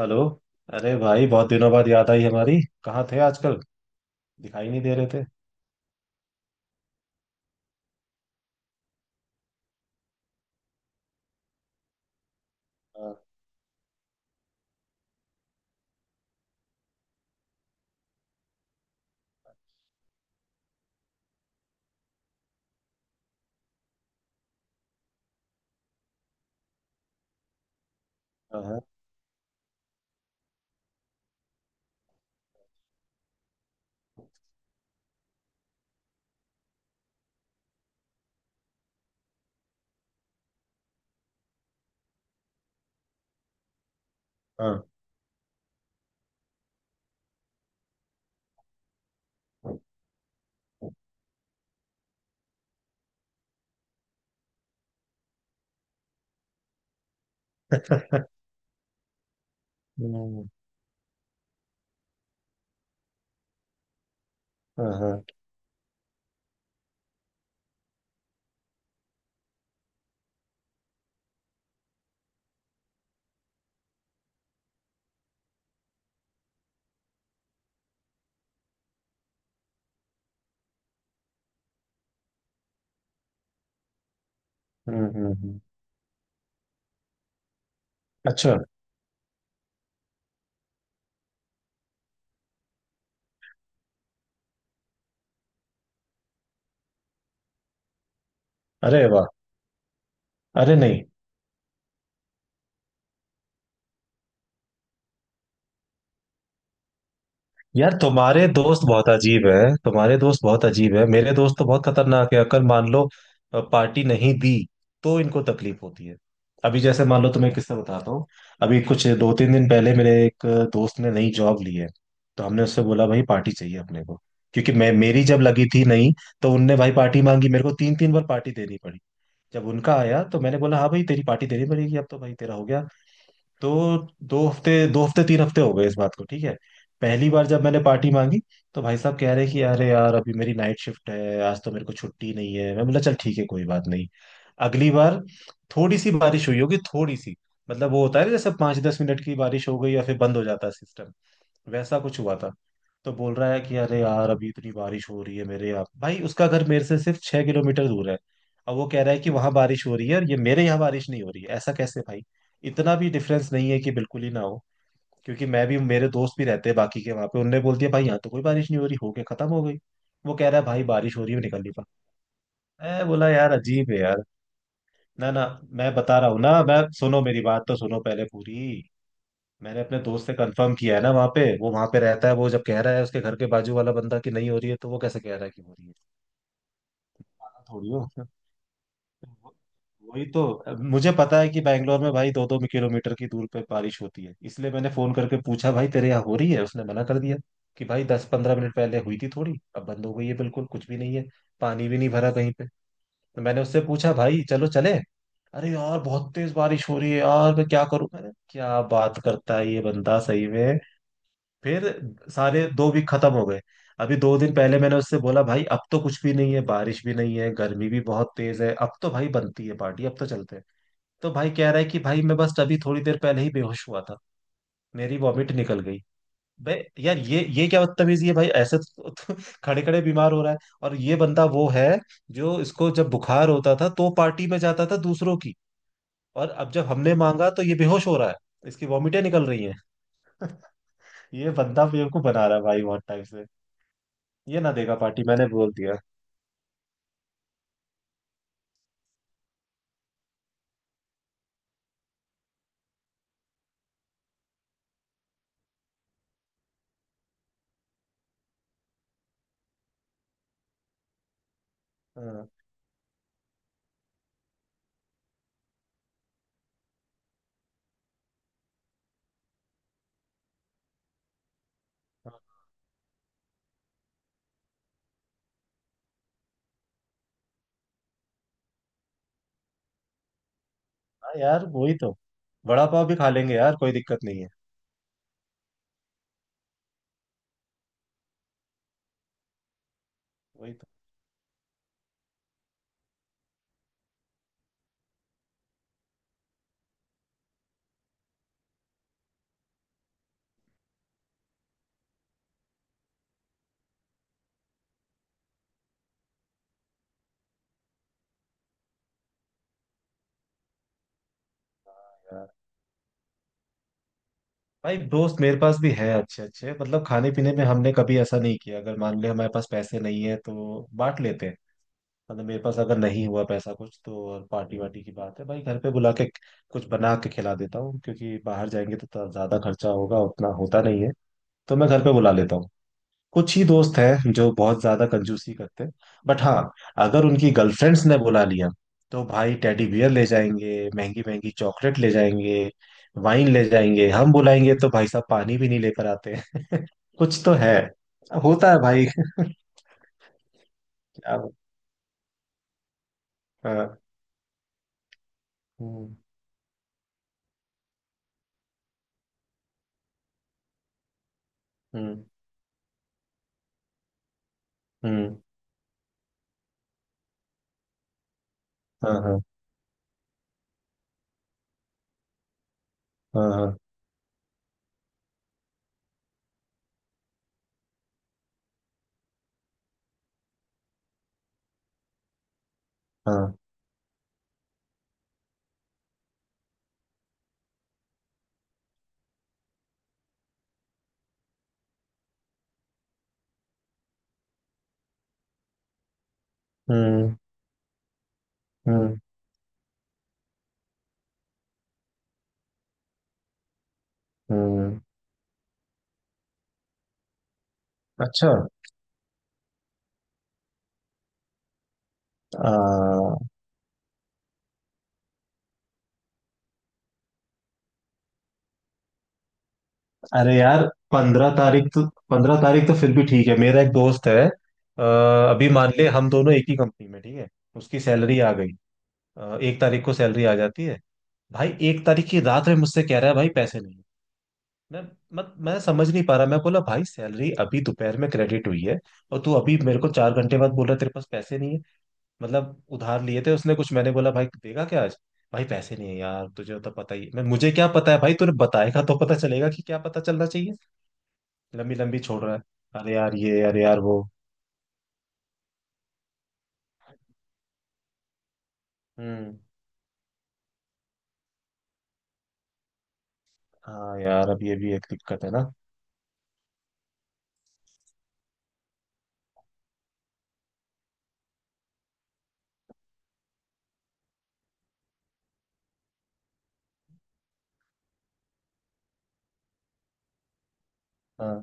Hello. अरे भाई बहुत दिनों बाद याद आई हमारी। कहाँ थे आजकल? दिखाई नहीं दे रहे थे। हाँ। हाँ। हाँ। हाँ। हाँ, हाँ। हम्म, अच्छा। अरे वाह। अरे नहीं। यार तुम्हारे दोस्त बहुत अजीब है, तुम्हारे दोस्त बहुत अजीब है, मेरे दोस्त तो बहुत खतरनाक है। अगर मान लो पार्टी नहीं दी तो इनको तकलीफ होती है। अभी जैसे मान लो, तुम्हें किस्सा बताता हूँ। अभी कुछ 2-3 दिन पहले मेरे एक दोस्त ने नई जॉब ली है। तो हमने उससे बोला भाई पार्टी चाहिए अपने को। क्योंकि मैं, मेरी जब लगी थी नहीं, तो उनने भाई पार्टी मांगी मेरे को, 3-3 बार पार्टी देनी पड़ी। जब उनका आया तो मैंने बोला हाँ भाई, तेरी पार्टी देनी पड़ेगी, अब तो भाई तेरा हो गया। तो 2 हफ्ते 2 हफ्ते 3 हफ्ते हो गए इस बात को, ठीक है। पहली बार जब मैंने पार्टी मांगी तो भाई साहब कह रहे कि अरे यार अभी मेरी नाइट शिफ्ट है, आज तो मेरे को छुट्टी नहीं है। मैं बोला चल ठीक है, कोई बात नहीं। अगली बार थोड़ी सी बारिश हुई होगी, थोड़ी सी, मतलब वो होता है ना, जैसे 5-10 मिनट की बारिश हो गई या फिर बंद हो जाता है सिस्टम, वैसा कुछ हुआ था। तो बोल रहा है कि अरे यार अभी इतनी बारिश हो रही है मेरे यहाँ। भाई उसका घर मेरे से सिर्फ 6 किलोमीटर दूर है। अब वो कह रहा है कि वहां बारिश हो रही है और ये मेरे यहाँ बारिश नहीं हो रही है, ऐसा कैसे भाई? इतना भी डिफरेंस नहीं है कि बिल्कुल ही ना हो। क्योंकि मैं भी, मेरे दोस्त भी रहते हैं बाकी के वहां पे, उनने बोल दिया भाई यहाँ तो कोई बारिश नहीं हो रही, होके खत्म हो गई। वो कह रहा है भाई बारिश हो रही है, मैं निकल नहीं पा। मैं बोला यार अजीब है यार। ना, ना। मैं बता रहा हूँ ना, मैं सुनो, मेरी बात तो सुनो पहले पूरी। मैंने अपने दोस्त से कंफर्म किया है ना, वहाँ पे, वो वहाँ पे रहता है, वो जब कह रहा है, उसके घर के बाजू वाला बंदा कि नहीं हो रही है, तो वो कैसे कह रहा है कि हो रही है? पागल थोड़ी हो। वो- वही तो। अब मुझे पता है कि बैंगलोर में भाई 2-2 किलोमीटर की दूर पे बारिश होती है, इसलिए मैंने फोन करके पूछा भाई तेरे यहाँ हो रही है, उसने मना कर दिया कि भाई 10-15 मिनट पहले हुई थी थोड़ी, अब बंद हो गई है, बिल्कुल कुछ भी नहीं है, पानी भी नहीं भरा कहीं पे। तो मैंने उससे पूछा भाई चलो चले। अरे यार बहुत तेज बारिश हो रही है यार, मैं क्या करूं। मैंने, क्या बात करता है ये बंदा सही में। फिर सारे 2 वीक खत्म हो गए। अभी 2 दिन पहले मैंने उससे बोला भाई अब तो कुछ भी नहीं है, बारिश भी नहीं है, गर्मी भी बहुत तेज है, अब तो भाई बनती है पार्टी, अब तो चलते हैं। तो भाई कह रहा है कि भाई मैं बस अभी थोड़ी देर पहले ही बेहोश हुआ था, मेरी वॉमिट निकल गई। बे यार, ये क्या बदतमीजी है भाई, ऐसे तो, खड़े खड़े बीमार हो रहा है। और ये बंदा वो है जो इसको जब बुखार होता था तो पार्टी में जाता था दूसरों की, और अब जब हमने मांगा तो ये बेहोश हो रहा है, इसकी वॉमिटें निकल रही हैं। ये बंदा बेवकूफ बना रहा है भाई बहुत टाइम से। ये ना देगा पार्टी, मैंने बोल दिया। हाँ, हाँ। हाँ यार वही तो। वड़ा पाव भी खा लेंगे यार, कोई दिक्कत नहीं है। वही तो। हाँ यार। भाई दोस्त मेरे पास भी है अच्छे अच्छे, मतलब खाने पीने में हमने कभी ऐसा नहीं किया, अगर मान ले हमारे पास पैसे नहीं है तो बांट लेते हैं। मतलब मेरे पास अगर नहीं हुआ पैसा कुछ तो, और पार्टी वार्टी की बात है भाई, घर पे बुला के कुछ बना के खिला देता हूँ, क्योंकि बाहर जाएंगे तो थोड़ा ज्यादा खर्चा होगा, उतना होता नहीं है, तो मैं घर पे बुला लेता हूँ। कुछ ही दोस्त हैं जो बहुत ज्यादा कंजूसी करते हैं, बट हाँ, अगर उनकी गर्लफ्रेंड्स ने बुला लिया तो भाई टेडी बियर ले जाएंगे, महंगी महंगी चॉकलेट ले जाएंगे, वाइन ले जाएंगे, हम बुलाएंगे तो भाई साहब पानी भी नहीं लेकर आते हैं। कुछ तो है। होता है भाई। क्या बो- हाँ। हम्म, हम्म। हम्म, हाँ। हाँ, हाँ, हाँ, हाँ। हम्म, हम्म, हम्म। अच्छा। अरे यार, 15 तारीख तो, 15 तारीख तो फिर भी ठीक है। मेरा एक दोस्त है, अभी मान ले हम दोनों एक ही कंपनी में, ठीक है। उसकी सैलरी आ गई। 1 तारीख को सैलरी आ जाती है। भाई 1 तारीख की रात में मुझसे कह रहा है भाई पैसे नहीं। मैं मैं समझ नहीं पा रहा। मैं बोला भाई सैलरी अभी दोपहर में क्रेडिट हुई है, और तू अभी मेरे को 4 घंटे बाद बोल रहा है, तेरे पास पैसे नहीं है? मतलब उधार लिए थे उसने कुछ, मैंने बोला भाई देगा क्या आज। भाई पैसे नहीं है यार, तुझे तो पता ही। मैं, मुझे क्या पता है भाई, तूने बताएगा तो पता चलेगा कि क्या पता चलना चाहिए। लंबी लंबी छोड़ रहा है। अरे यार ये, अरे यार वो। हम्म। हाँ यार, अब ये भी एक दिक्कत है ना। हाँ,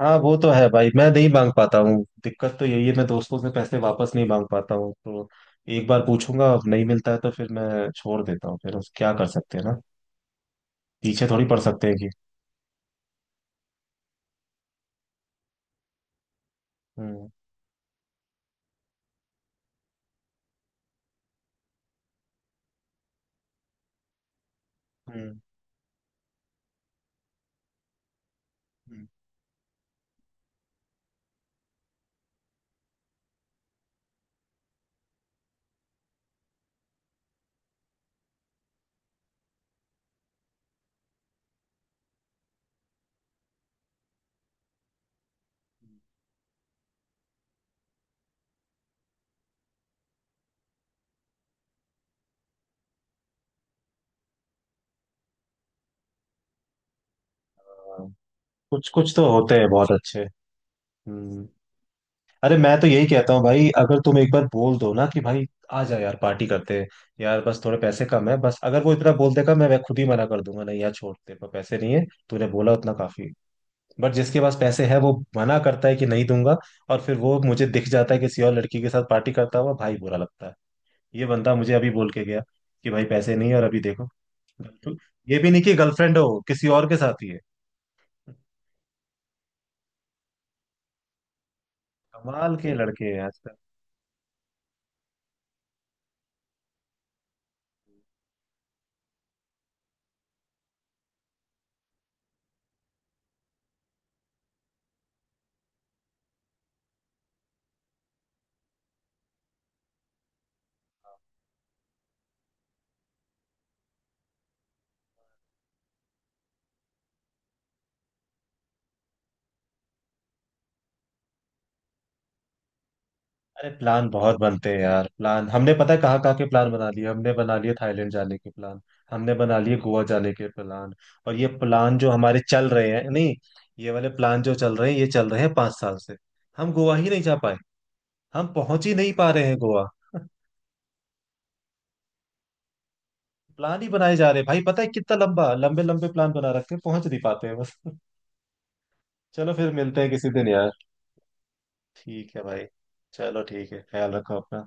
हाँ, वो तो है भाई, मैं नहीं मांग पाता हूँ। दिक्कत तो यही है, मैं दोस्तों से पैसे वापस नहीं मांग पाता हूँ, तो एक बार पूछूंगा, अब नहीं मिलता है तो फिर मैं छोड़ देता हूँ, फिर उस क्या कर सकते हैं ना, पीछे थोड़ी पड़ सकते हैं कि। हम्म, हम्म, हम्म, हम्म। हाँ। कुछ कुछ तो होते हैं बहुत अच्छे। हम्म। अरे मैं तो यही कहता हूँ भाई, अगर तुम एक बार बोल दो ना कि भाई आ जा यार पार्टी करते हैं, यार बस थोड़े पैसे कम है बस, अगर वो इतना बोल देगा, मैं खुद ही मना कर दूंगा, नहीं यार छोड़, तेरे पर पैसे नहीं है, तूने बोला उतना काफी। बट जिसके पास पैसे है वो मना करता है कि नहीं दूंगा, और फिर वो मुझे दिख जाता है किसी और लड़की के साथ पार्टी करता हुआ, भाई बुरा लगता है। ये बंदा मुझे अभी बोल के गया कि भाई पैसे नहीं है, और अभी देखो, ये भी नहीं कि गर्लफ्रेंड हो, किसी और के साथ ही है। कमाल के लड़के हैं आजकल। अरे प्लान बहुत बनते हैं यार, प्लान हमने पता है कहाँ कहाँ के प्लान बना लिए, हमने बना लिए थाईलैंड जाने के प्लान, हमने बना लिए गोवा जाने के प्लान। और ये प्लान जो हमारे चल रहे हैं नहीं, ये वाले प्लान जो चल रहे हैं, ये चल रहे हैं 5 साल से, हम गोवा ही नहीं जा पाए, हम पहुंच ही नहीं पा रहे हैं गोवा। प्लान ही बनाए जा रहे हैं भाई, पता है कितना लंबा, लंबे लंबे प्लान बना रखे हैं, पहुंच नहीं पाते हैं बस। चलो फिर मिलते हैं किसी दिन यार। ठीक है भाई। चलो ठीक है, ख्याल रखो अपना।